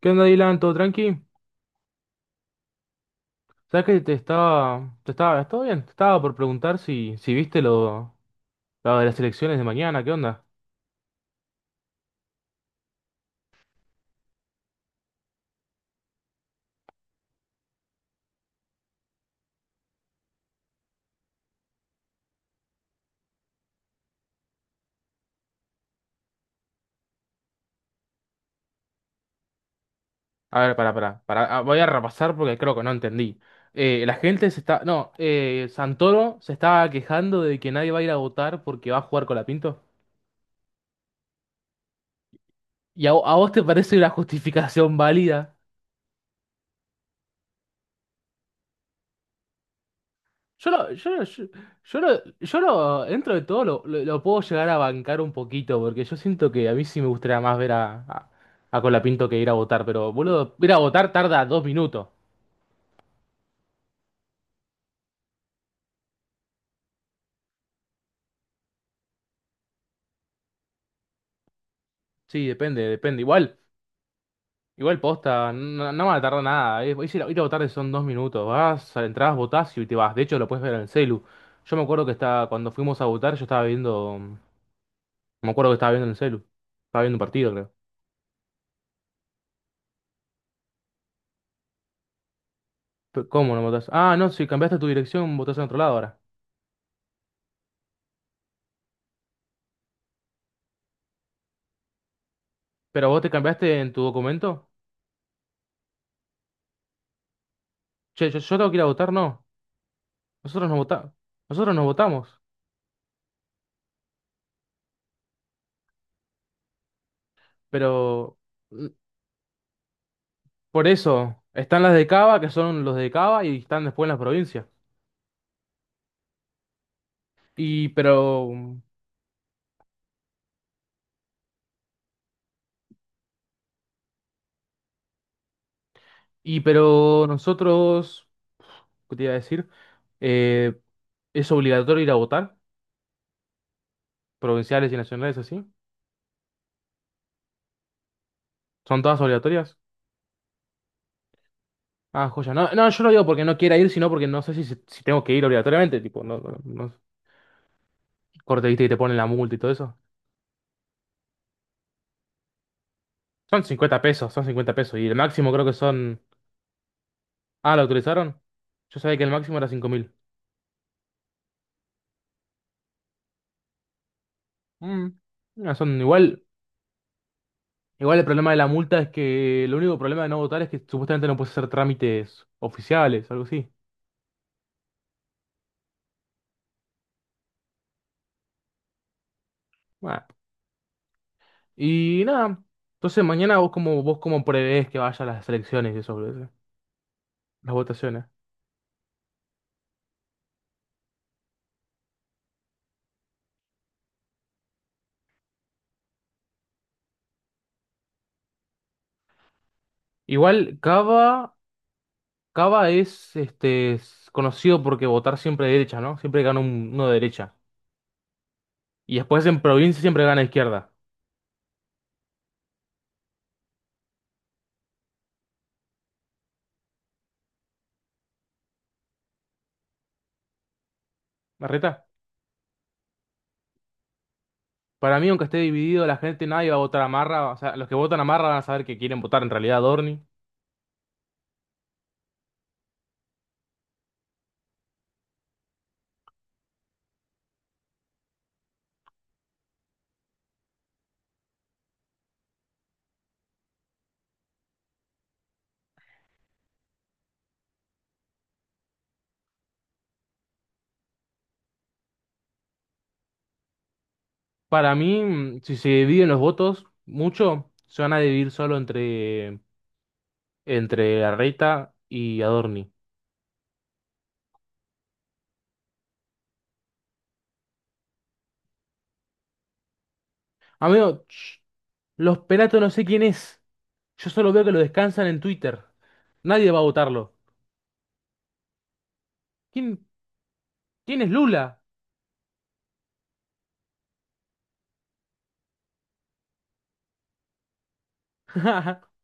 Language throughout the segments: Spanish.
¿Qué onda, Dylan? ¿Todo tranqui? ¿Sabes que te estaba, todo bien? Te estaba por preguntar si viste lo de las elecciones de mañana, ¿qué onda? A ver, para, voy a repasar porque creo que no entendí. La gente se está, no, Santoro se estaba quejando de que nadie va a ir a votar porque va a jugar con la Pinto. ¿Y a vos te parece una justificación válida? Yo lo, yo, lo- yo, yo dentro de todo lo puedo llegar a bancar un poquito, porque yo siento que a mí sí me gustaría más ver a Colapinto que ir a votar, pero boludo, ir a votar tarda 2 minutos. Sí, depende, depende. Igual posta, no, no va a tardar nada. Ir a votar son 2 minutos. Vas, entras, votás y te vas. De hecho, lo puedes ver en el celu. Yo me acuerdo que estaba, cuando fuimos a votar, yo estaba viendo. Me acuerdo que estaba viendo en el celu. Estaba viendo un partido, creo. Pero, ¿cómo no votás? Ah, no, si cambiaste tu dirección, votás en otro lado ahora. ¿Pero vos te cambiaste en tu documento? Che, yo tengo que ir a votar, no. Nosotros nos vota- nosotros nos votamos. Pero mm, por eso, están las de Cava, que son los de Cava, y están después en las provincias. Y pero, y pero nosotros, ¿qué te iba a decir? Eh, ¿Es obligatorio ir a votar? Provinciales y nacionales así. ¿Son todas obligatorias? Ah, joya. No, no, yo no digo porque no quiera ir, sino porque no sé si tengo que ir obligatoriamente. Tipo, no, no, no- corte, viste, y te ponen la multa y todo eso. Son 50 pesos, son 50 pesos. Y el máximo creo que son. Ah, ¿lo autorizaron? Yo sabía que el máximo era 5.000. Mm, no, son igual. Igual el problema de la multa es que el único problema de no votar es que supuestamente no puedes hacer trámites oficiales, algo así. Bueno, y nada. Entonces mañana vos como prevés que vaya a las elecciones y eso, boludo, las votaciones. Igual Cava es conocido porque votar siempre de derecha, ¿no? Siempre gana uno de derecha. Y después en provincia siempre gana izquierda. ¿Marreta? Para mí, aunque esté dividido, la gente nadie va a votar a Marra. O sea, los que votan a Marra van a saber que quieren votar en realidad a Dorni. Para mí, si se dividen los votos mucho, se van a dividir solo entre Arreta y Adorni. Amigo, los pelatos no sé quién es. Yo solo veo que lo descansan en Twitter. Nadie va a votarlo. ¿Quién, quién es Lula?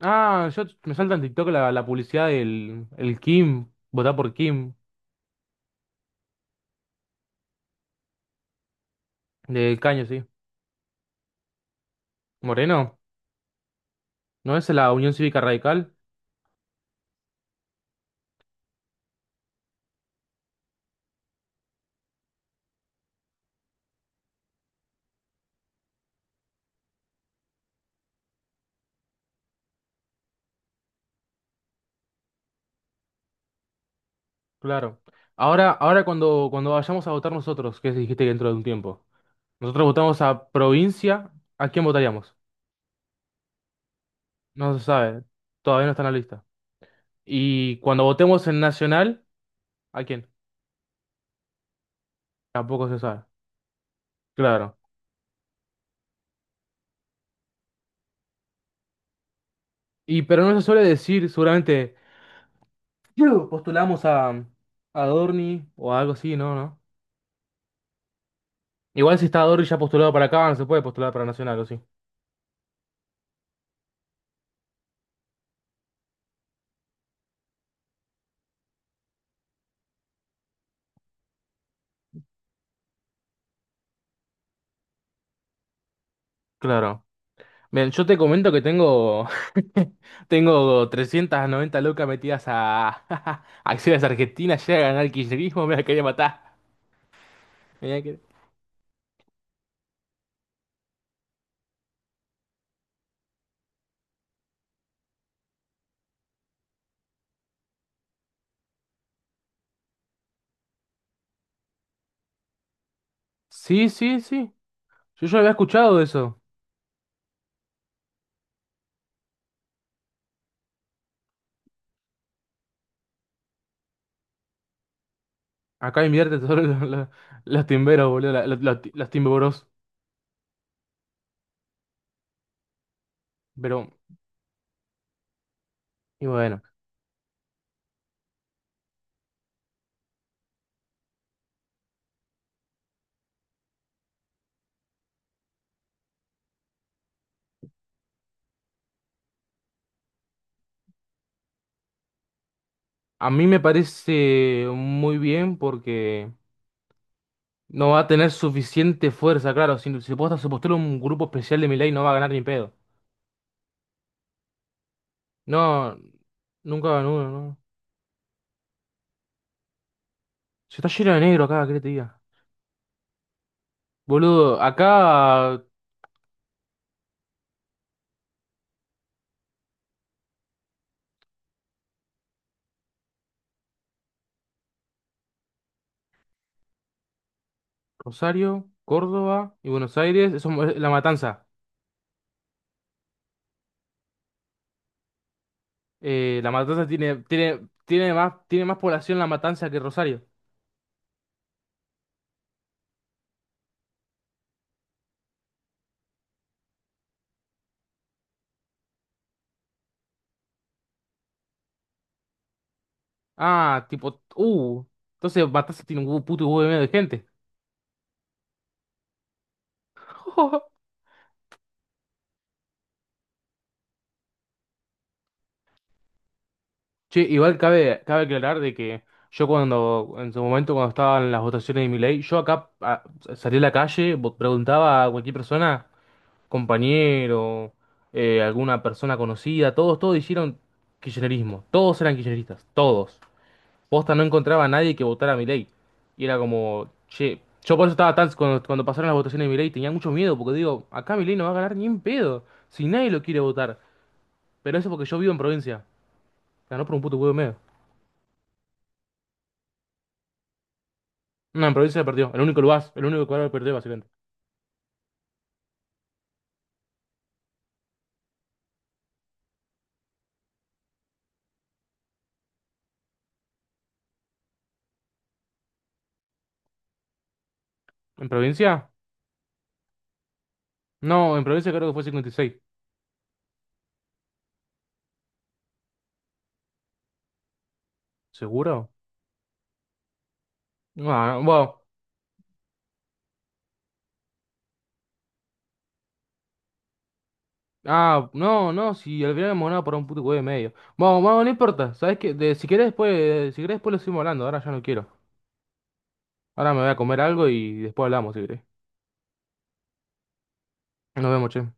Ah, yo me salta en TikTok la publicidad del el Kim. Votar por Kim. Del Caño, sí. Moreno. ¿No es la Unión Cívica Radical? Claro. Ahora, cuando vayamos a votar nosotros, que dijiste que dentro de un tiempo, nosotros votamos a provincia, ¿a quién votaríamos? No se sabe, todavía no está en la lista. Y cuando votemos en nacional, ¿a quién? Tampoco se sabe. Claro. Y pero no se suele decir, seguramente, "Yu, postulamos a Dorni o algo así, ¿no? ¿No? Igual si está Dorni ya postulado para acá, no se puede postular para nacional, ¿o sí? Claro. Bien, yo te comento que tengo, tengo 390 locas metidas a acciones argentinas, llega a ganar el kirchnerismo, me la quería matar. Mirá que- Sí, sí, sí. Yo ya había escuchado eso. Acá invierte todos los timberos, boludo, los timberos. Pero, y bueno, a mí me parece muy bien porque no va a tener suficiente fuerza, claro. Si se postula un grupo especial de Milei, no va a ganar ni pedo. No, nunca ganó no. Se está lleno de negro acá, ¿qué te diga? Boludo, acá Rosario, Córdoba y Buenos Aires, eso es La Matanza. La Matanza tiene más población La Matanza que Rosario. Ah, tipo, entonces Matanza tiene un puto huevo de medio de gente. Che, igual cabe aclarar de que en su momento cuando estaban las votaciones de mi ley, yo acá salí a la calle, preguntaba a cualquier persona. Compañero, alguna persona conocida, todos hicieron kirchnerismo, todos eran kirchneristas, todos. Posta no encontraba a nadie que votara a Milei. Y era como, che, yo por eso estaba tan, cuando pasaron las votaciones de Milei tenía mucho miedo, porque digo, acá Milei no va a ganar ni en pedo, si nadie lo quiere votar. Pero eso porque yo vivo en provincia, ganó por un puto huevo y medio. No, en provincia perdió, el único lugar que perdió básicamente. ¿En provincia? No, en provincia creo que fue 56. ¿Seguro? Bueno, bueno. Ah, no, no, si al final hemos ganado por un puto huevo y medio. Vamos, vamos, no importa. ¿Sabes qué? Si querés después lo seguimos hablando, ahora ya no quiero. Ahora me voy a comer algo y después hablamos, si querés. Nos vemos, che.